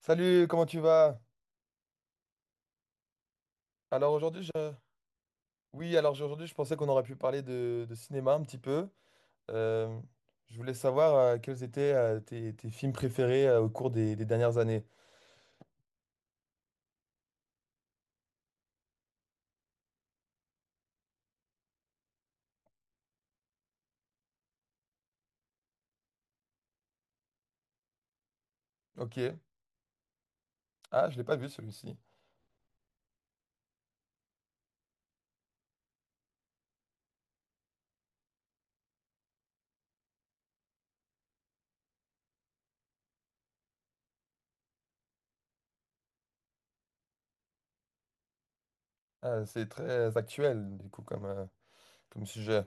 Salut, comment tu vas? Alors aujourd'hui, Oui, alors aujourd'hui, je pensais qu'on aurait pu parler de cinéma un petit peu. Euh, je voulais savoir quels étaient tes films préférés au cours des dernières années. Ok. Ah, je l'ai pas vu celui-ci. Ah, c'est très actuel, du coup, comme sujet.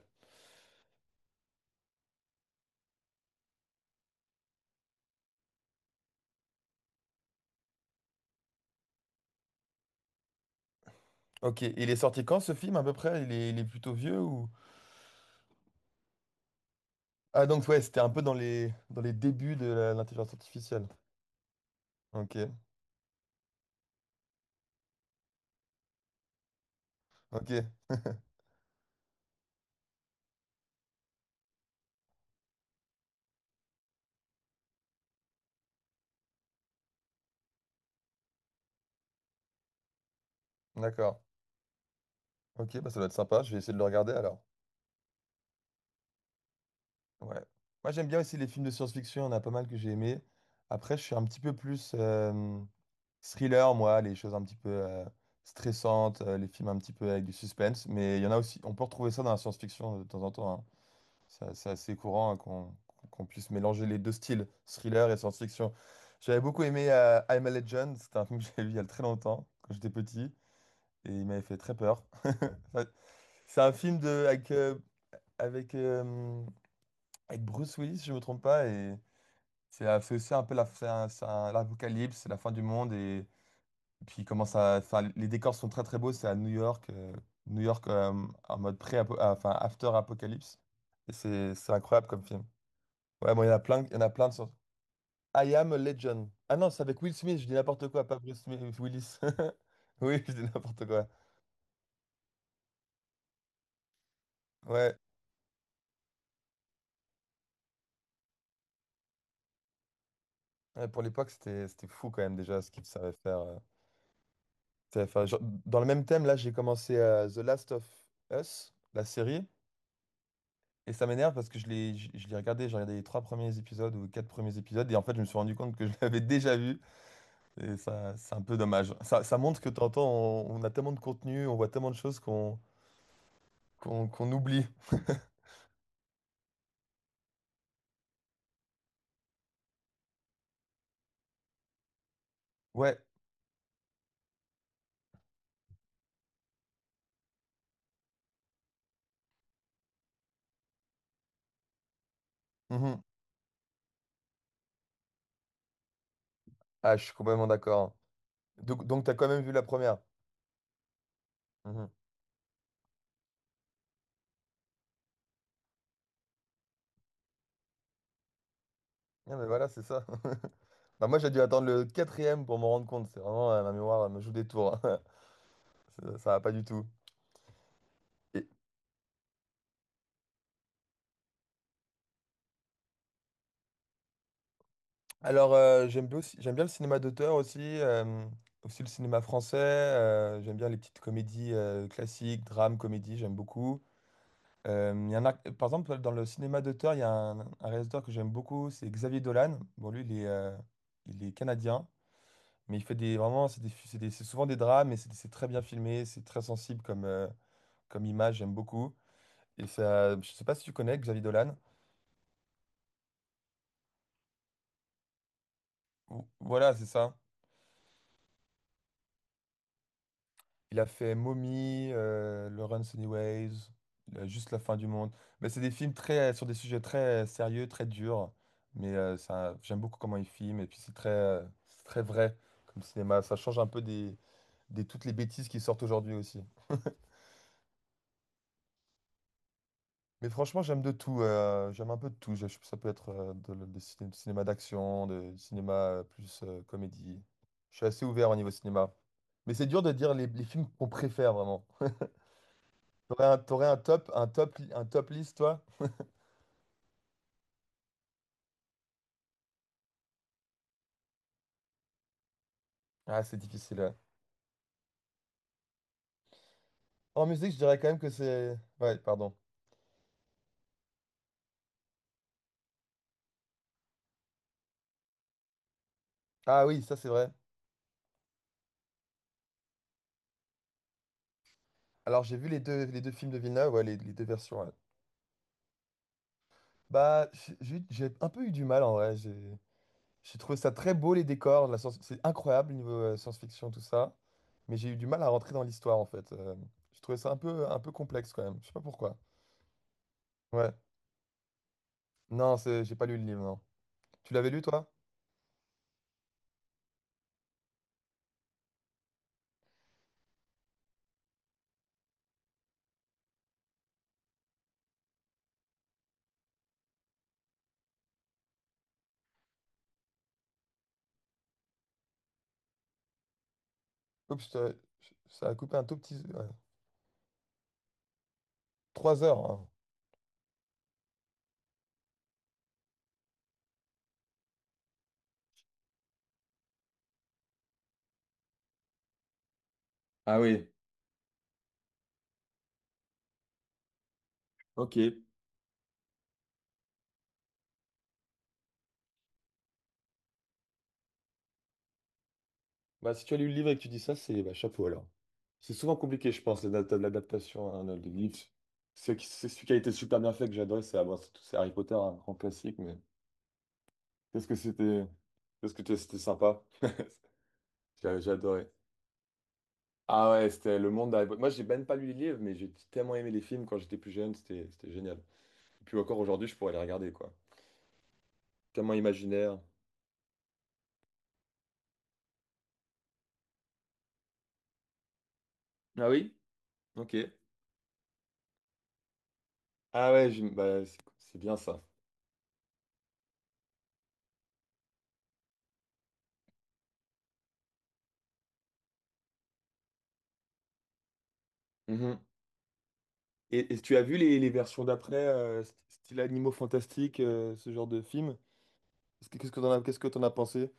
Ok. Il est sorti quand ce film, à peu près? Il est plutôt vieux ou. Ah, donc ouais, c'était un peu dans les débuts de l'intelligence artificielle. Ok. Ok. D'accord. Ok, bah ça doit être sympa. Je vais essayer de le regarder alors. Ouais. Moi, j'aime bien aussi les films de science-fiction, il y en a pas mal que j'ai aimé. Après, je suis un petit peu plus thriller, moi, les choses un petit peu stressantes, les films un petit peu avec du suspense. Mais il y en a aussi, on peut retrouver ça dans la science-fiction de temps en temps, hein. C'est assez courant, hein, qu'on puisse mélanger les deux styles, thriller et science-fiction. J'avais beaucoup aimé I'm a Legend, c'était un film que j'avais vu il y a très longtemps, quand j'étais petit, et il m'avait fait très peur. Enfin, c'est un film avec, euh, avec Bruce Willis, si je me trompe pas, et. C'est aussi un peu la, c'est un- l'apocalypse, c'est la fin du monde. Et puis, comment ça, enfin, les décors sont très très beaux. C'est à New York, en mode pré enfin, after-apocalypse. Et c'est incroyable comme film. Ouais, bon, il y en a plein, il y en a plein de sortes. I Am Legend. Ah non, c'est avec Will Smith, je dis n'importe quoi, pas Bruce Willis. Oui, je dis n'importe quoi. Ouais, ouais, pour l'époque, c'était fou quand même déjà ce qu'il savait faire. Ça savait faire. Genre, dans le même thème, là, j'ai commencé The Last of Us, la série. Et ça m'énerve parce que je l'ai regardé, j'ai regardé les 3 premiers épisodes ou 4 premiers épisodes et en fait, je me suis rendu compte que je l'avais déjà vu et ça, c'est un peu dommage. Ça montre que de temps en temps, on a tellement de contenu, on voit tellement de choses qu'on oublie. Ouais. Mhm. Ah, je suis complètement d'accord. Donc, tu as quand même vu la première. Mhm. Ah, mais voilà, c'est ça. Bah, moi, j'ai dû attendre le quatrième pour m'en rendre compte. C'est vraiment, ma mémoire elle me joue des tours. Ça va pas du tout. Et, Alors, j'aime bien le cinéma d'auteur aussi, aussi le cinéma français. J'aime bien les petites comédies classiques, drames, comédies, j'aime beaucoup. Il y en a, par exemple, dans le cinéma d'auteur, il y a un réalisateur que j'aime beaucoup, c'est Xavier Dolan. Bon, lui, il est canadien, mais vraiment, c'est souvent des drames, mais c'est très bien filmé, c'est très sensible comme image, j'aime beaucoup. Et ça, je sais pas si tu connais Xavier Dolan. Voilà, c'est ça. Il a fait Mommy, Lawrence Anyways, Juste la fin du monde. Mais c'est des films très, sur des sujets très sérieux, très durs. Mais ça, j'aime beaucoup comment il filme. Et puis c'est très vrai comme cinéma. Ça change un peu des toutes les bêtises qui sortent aujourd'hui aussi. Mais franchement, j'aime de tout. J'aime un peu de tout. Ça peut être de, le- des ciné- du cinéma d'action, du cinéma plus comédie. Je suis assez ouvert au niveau cinéma. Mais c'est dur de dire les films qu'on préfère vraiment. T'aurais un top list, toi? Ah, c'est difficile, ouais. En musique, je dirais quand même que c'est. Ouais, pardon. Ah oui, ça c'est vrai. Alors j'ai vu les deux films de Villeneuve, ouais, les deux versions. Ouais. Bah, j'ai un peu eu du mal en vrai. J'ai trouvé ça très beau, les décors, la science, c'est incroyable niveau science-fiction, tout ça. Mais j'ai eu du mal à rentrer dans l'histoire en fait. Je trouvais ça un peu complexe quand même. Je sais pas pourquoi. Ouais. Non, j'ai pas lu le livre, non. Tu l'avais lu toi? Oups, ça a coupé un tout petit, ouais. Trois heures, hein. Ah oui, ok. Bah, si tu as lu le livre et que tu dis ça, c'est bah, chapeau alors. C'est souvent compliqué, je pense, l'adaptation à un autre livre. C'est celui qui a été super bien fait que j'adore, bon, c'est Harry Potter, un grand classique, mais qu'est-ce que c'était qu'est-ce que t'es- c'était sympa. J'ai adoré. Ah ouais, c'était le monde d'Harry Potter. Moi, j'ai même pas lu les livres, mais j'ai tellement aimé les films quand j'étais plus jeune, c'était génial. Et puis encore aujourd'hui, je pourrais les regarder, quoi. Tellement imaginaire. Ah oui? Ok. Ah ouais, bah, c'est bien ça. Et, tu as vu les versions d'après, style Animaux Fantastiques, ce genre de film? Qu'est-ce que t'en as pensé?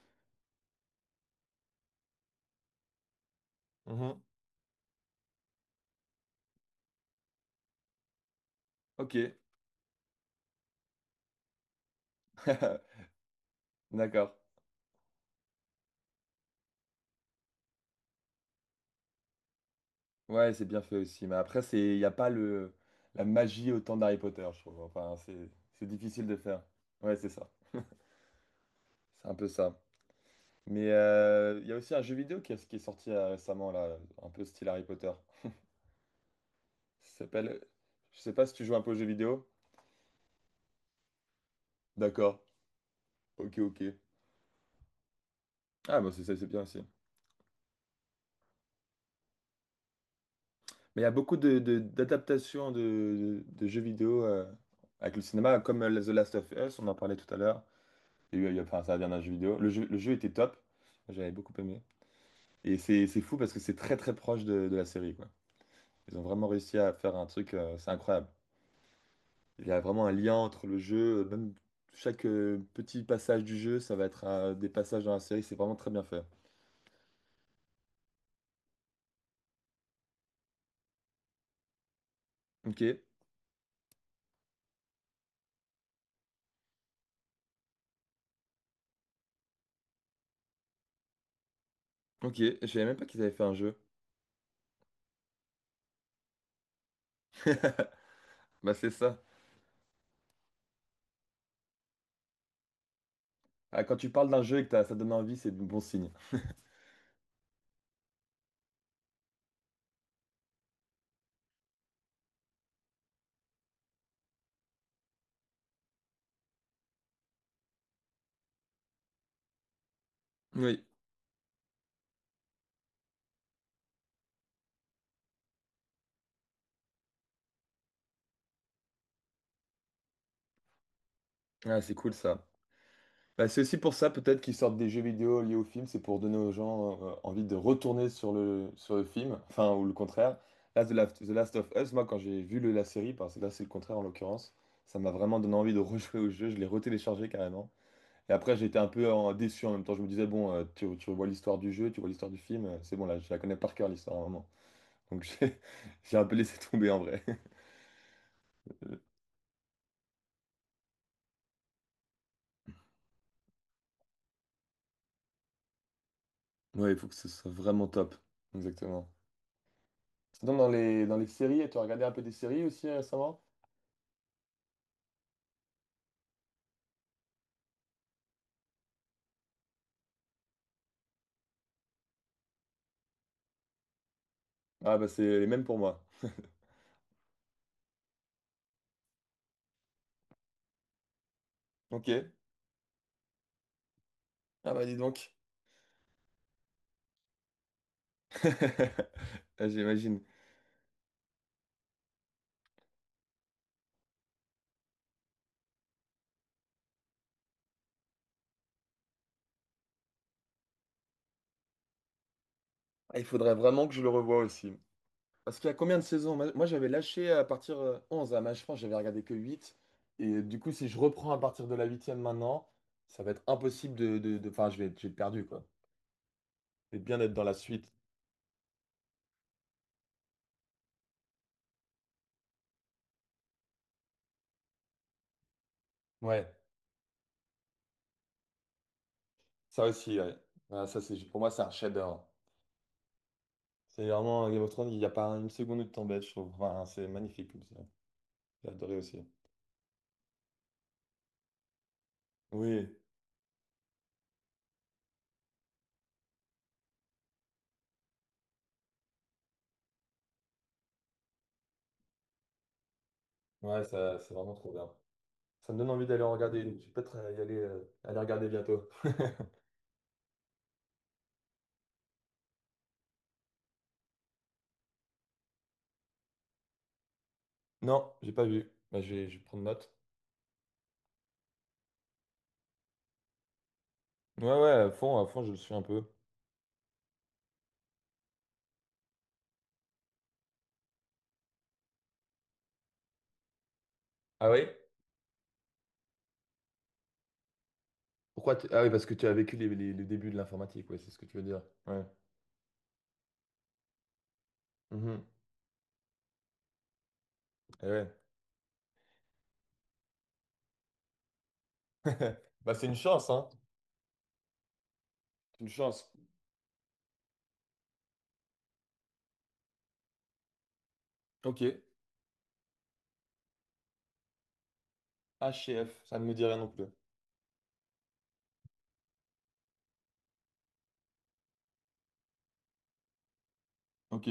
Mhm. Ok, d'accord. Ouais, c'est bien fait aussi. Mais après, il n'y a pas la magie autant d'Harry Potter, je trouve. Enfin, c'est difficile de faire. Ouais, c'est ça. C'est un peu ça. Mais il y a aussi un jeu vidéo qui est sorti récemment, là, un peu style Harry Potter. Ça s'appelle. Je sais pas si tu joues un peu aux jeux vidéo. D'accord. Ok, ok. Ah, bah c'est bien aussi. Mais il y a beaucoup d'adaptations de jeux vidéo avec le cinéma, comme The Last of Us, on en parlait tout à l'heure. Il y a eu, il y a- enfin, c'est la dernière jeu vidéo. Le jeu était top, j'avais beaucoup aimé. Et c'est fou parce que c'est très très proche de la série, quoi. Ils ont vraiment réussi à faire un truc, c'est incroyable. Il y a vraiment un lien entre le jeu, même chaque petit passage du jeu, ça va être des passages dans la série, c'est vraiment très bien fait. Ok, ok, je savais même pas qu'ils avaient fait un jeu. Bah c'est ça. Ah, quand tu parles d'un jeu et que ça donne envie, c'est de bon signe. Oui, ah, c'est cool ça. Bah, c'est aussi pour ça peut-être qu'ils sortent des jeux vidéo liés au film, c'est pour donner aux gens envie de retourner sur le film, enfin ou le contraire. Là, The Last of Us, moi quand j'ai vu la série, parce que là c'est le contraire en l'occurrence, ça m'a vraiment donné envie de rejouer au jeu, je l'ai retéléchargé carrément. Et après j'étais un peu déçu en même temps, je me disais bon, tu vois l'histoire du jeu, tu vois l'histoire du film, c'est bon là, je la connais par cœur l'histoire vraiment. Donc j'ai un peu laissé tomber en vrai. Ouais, il faut que ce soit vraiment top. Exactement. Sinon, dans les séries, tu as regardé un peu des séries aussi récemment? Ah bah c'est les mêmes pour moi. Ok. Ah bah dis donc. Ah, j'imagine. Ah, il faudrait vraiment que je le revoie aussi. Parce qu'il y a combien de saisons? Moi, j'avais lâché à partir 11 à Match France, j'avais regardé que huit. Et du coup, si je reprends à partir de la 8e maintenant, ça va être impossible Enfin, je vais être perdu quoi. Je vais bien être dans la suite. Ouais, ça aussi, ouais. Ah, ça, c'est, pour moi, c'est un chef-d'œuvre. C'est vraiment Game of Thrones, il n'y a pas une seconde de temps bête, je trouve. Enfin, c'est magnifique. J'ai adoré aussi. Oui, ouais, ça, c'est vraiment trop bien. Ça me donne envie d'aller en regarder une. Je vais peut-être aller regarder bientôt. Non, j'ai pas vu. Bah, je vais prendre note. Ouais, ouais, à fond, je le suis un peu. Ah oui? Ah oui, parce que tu as vécu le début de l'informatique, ouais, c'est ce que tu veux dire. Ouais. Mhm. Eh ouais. Bah, c'est une chance, hein. C'est une chance. Ok. H et F ça ne me dit rien non plus. Ok.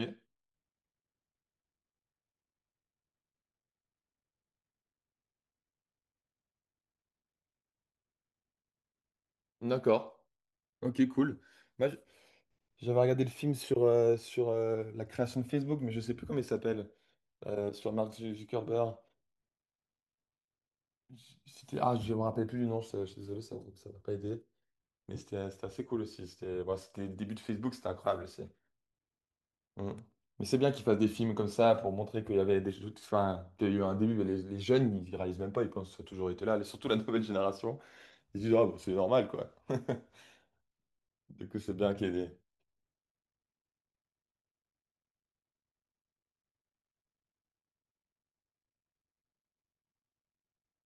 D'accord. Ok, cool. Moi, j- J'avais regardé le film sur, sur la création de Facebook, mais je sais plus comment il s'appelle. Sur Mark Zuckerberg. C'était, ah, je me rappelle plus du nom, je suis désolé, ça m'a pas aidé. Mais c'était assez cool aussi. C'était bon, c'était le début de Facebook, c'était incroyable aussi. Mm. Mais c'est bien qu'ils fassent des films comme ça pour montrer qu'il y avait des doutes, enfin, qu'il y a eu un début, mais les jeunes, ils réalisent même pas, ils pensent que ça a toujours été là. Et surtout la nouvelle génération, ils disent, ah, bah, c'est normal, quoi. Du coup, c'est bien qu'il y ait des...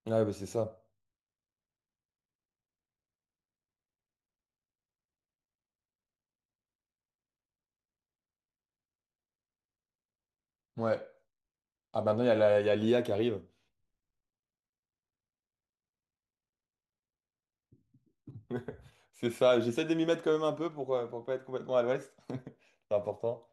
Ouais, bah, c'est ça. Ouais. Ah, maintenant, il y a l'IA qui arrive. C'est ça. J'essaie de m'y mettre quand même un peu pour pas être complètement à l'ouest. C'est important.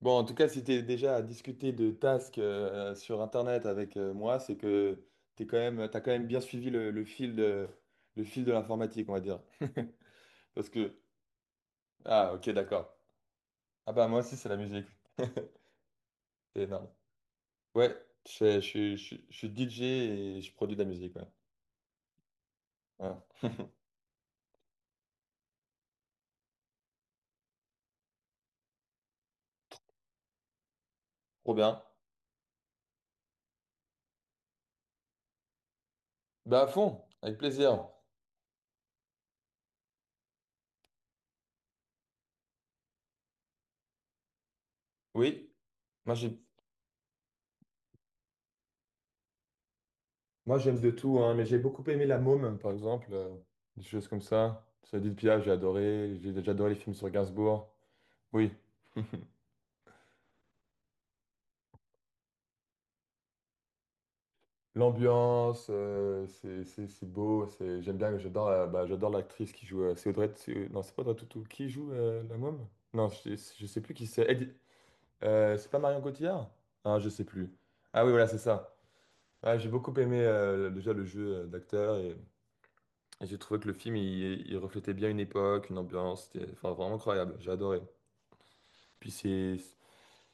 Bon, en tout cas, si tu es déjà à discuter de tasks sur Internet avec moi, c'est que t'as quand même bien suivi le, le fil de l'informatique, on va dire. Parce que... Ah, ok, d'accord. Ah bah moi aussi, c'est la musique. C'est énorme. Ouais, je, fais- je, suis je suis- je suis DJ et je produis de la musique, ouais. Ouais. Trop bien. Bah à fond, avec plaisir. Oui, moi j'ai moi, j'aime de tout, hein, mais j'ai beaucoup aimé La Môme, par exemple, des choses comme ça. Ça dit Pia, j'ai adoré. J'ai déjà adoré les films sur Gainsbourg. Oui, l'ambiance, c'est beau. J'aime bien, bah, j'adore l'actrice qui joue. C'est Audrey. Non, c'est pas Audrey Tautou. Qui joue La Môme? Non, je sais plus qui c'est. C'est pas Marion Cotillard? Ah, je sais plus. Ah oui, voilà, c'est ça. Ouais, j'ai beaucoup aimé déjà le jeu d'acteur et. Et j'ai trouvé que le film, il reflétait bien une époque, une ambiance, c'était enfin, vraiment incroyable, j'ai adoré. Puis c'est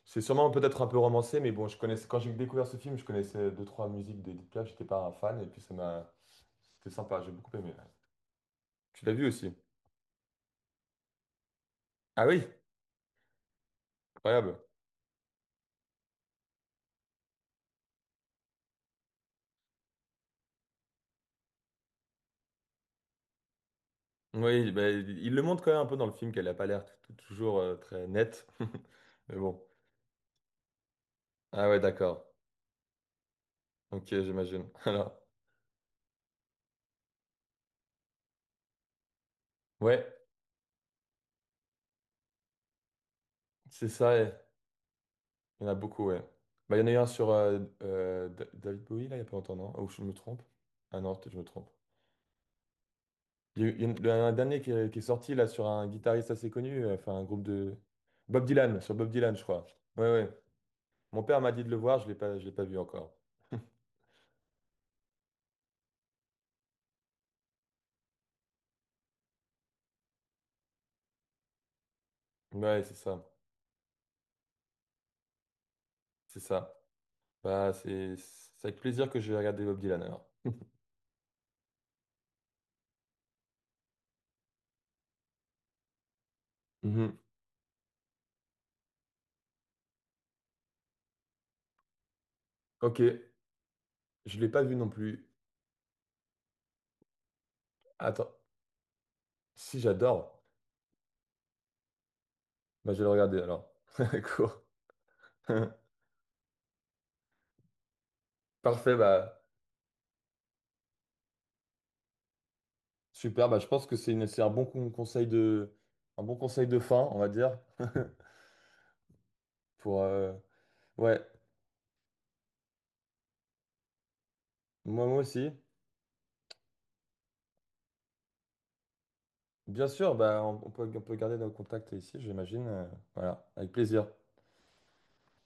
c'est sûrement peut-être un peu romancé, mais bon, je connaissais, quand j'ai découvert ce film, je connaissais deux, trois musiques d'Edith Piaf, j'étais pas un fan, et puis ça m'a... C'était sympa, j'ai beaucoup aimé. Tu l'as vu aussi? Ah oui, incroyable. Oui, bah, il le montre quand même un peu dans le film qu'elle a pas l'air toujours très nette. Mais bon. Ah ouais, d'accord. Ok, j'imagine. Alors, ouais, c'est ça. Et il y en a beaucoup, ouais. Bah, il y en a eu un sur David Bowie, là, il y a pas longtemps, non? Ou je me trompe? Ah non, peut-être que je me trompe. Il y a eu- il y en- Il y en a un dernier qui est sorti là sur un guitariste assez connu, enfin un groupe de Bob Dylan, sur Bob Dylan, je crois. Ouais, ouais. Mon père m'a dit de le voir, je l'ai pas vu encore. Ouais, c'est ça, c'est ça. Bah, c'est avec plaisir que je vais regarder Bob Dylan alors. Mhm. Ok, je l'ai pas vu non plus. Attends, si j'adore, bah je vais le regarder alors. Cool. Parfait, bah super. Bah je pense que c'est une, c'est un bon con- conseil de, un bon conseil de fin, on va dire, pour ouais. Moi, moi aussi. Bien sûr, bah, on peut garder nos contacts ici, j'imagine. Voilà, avec plaisir.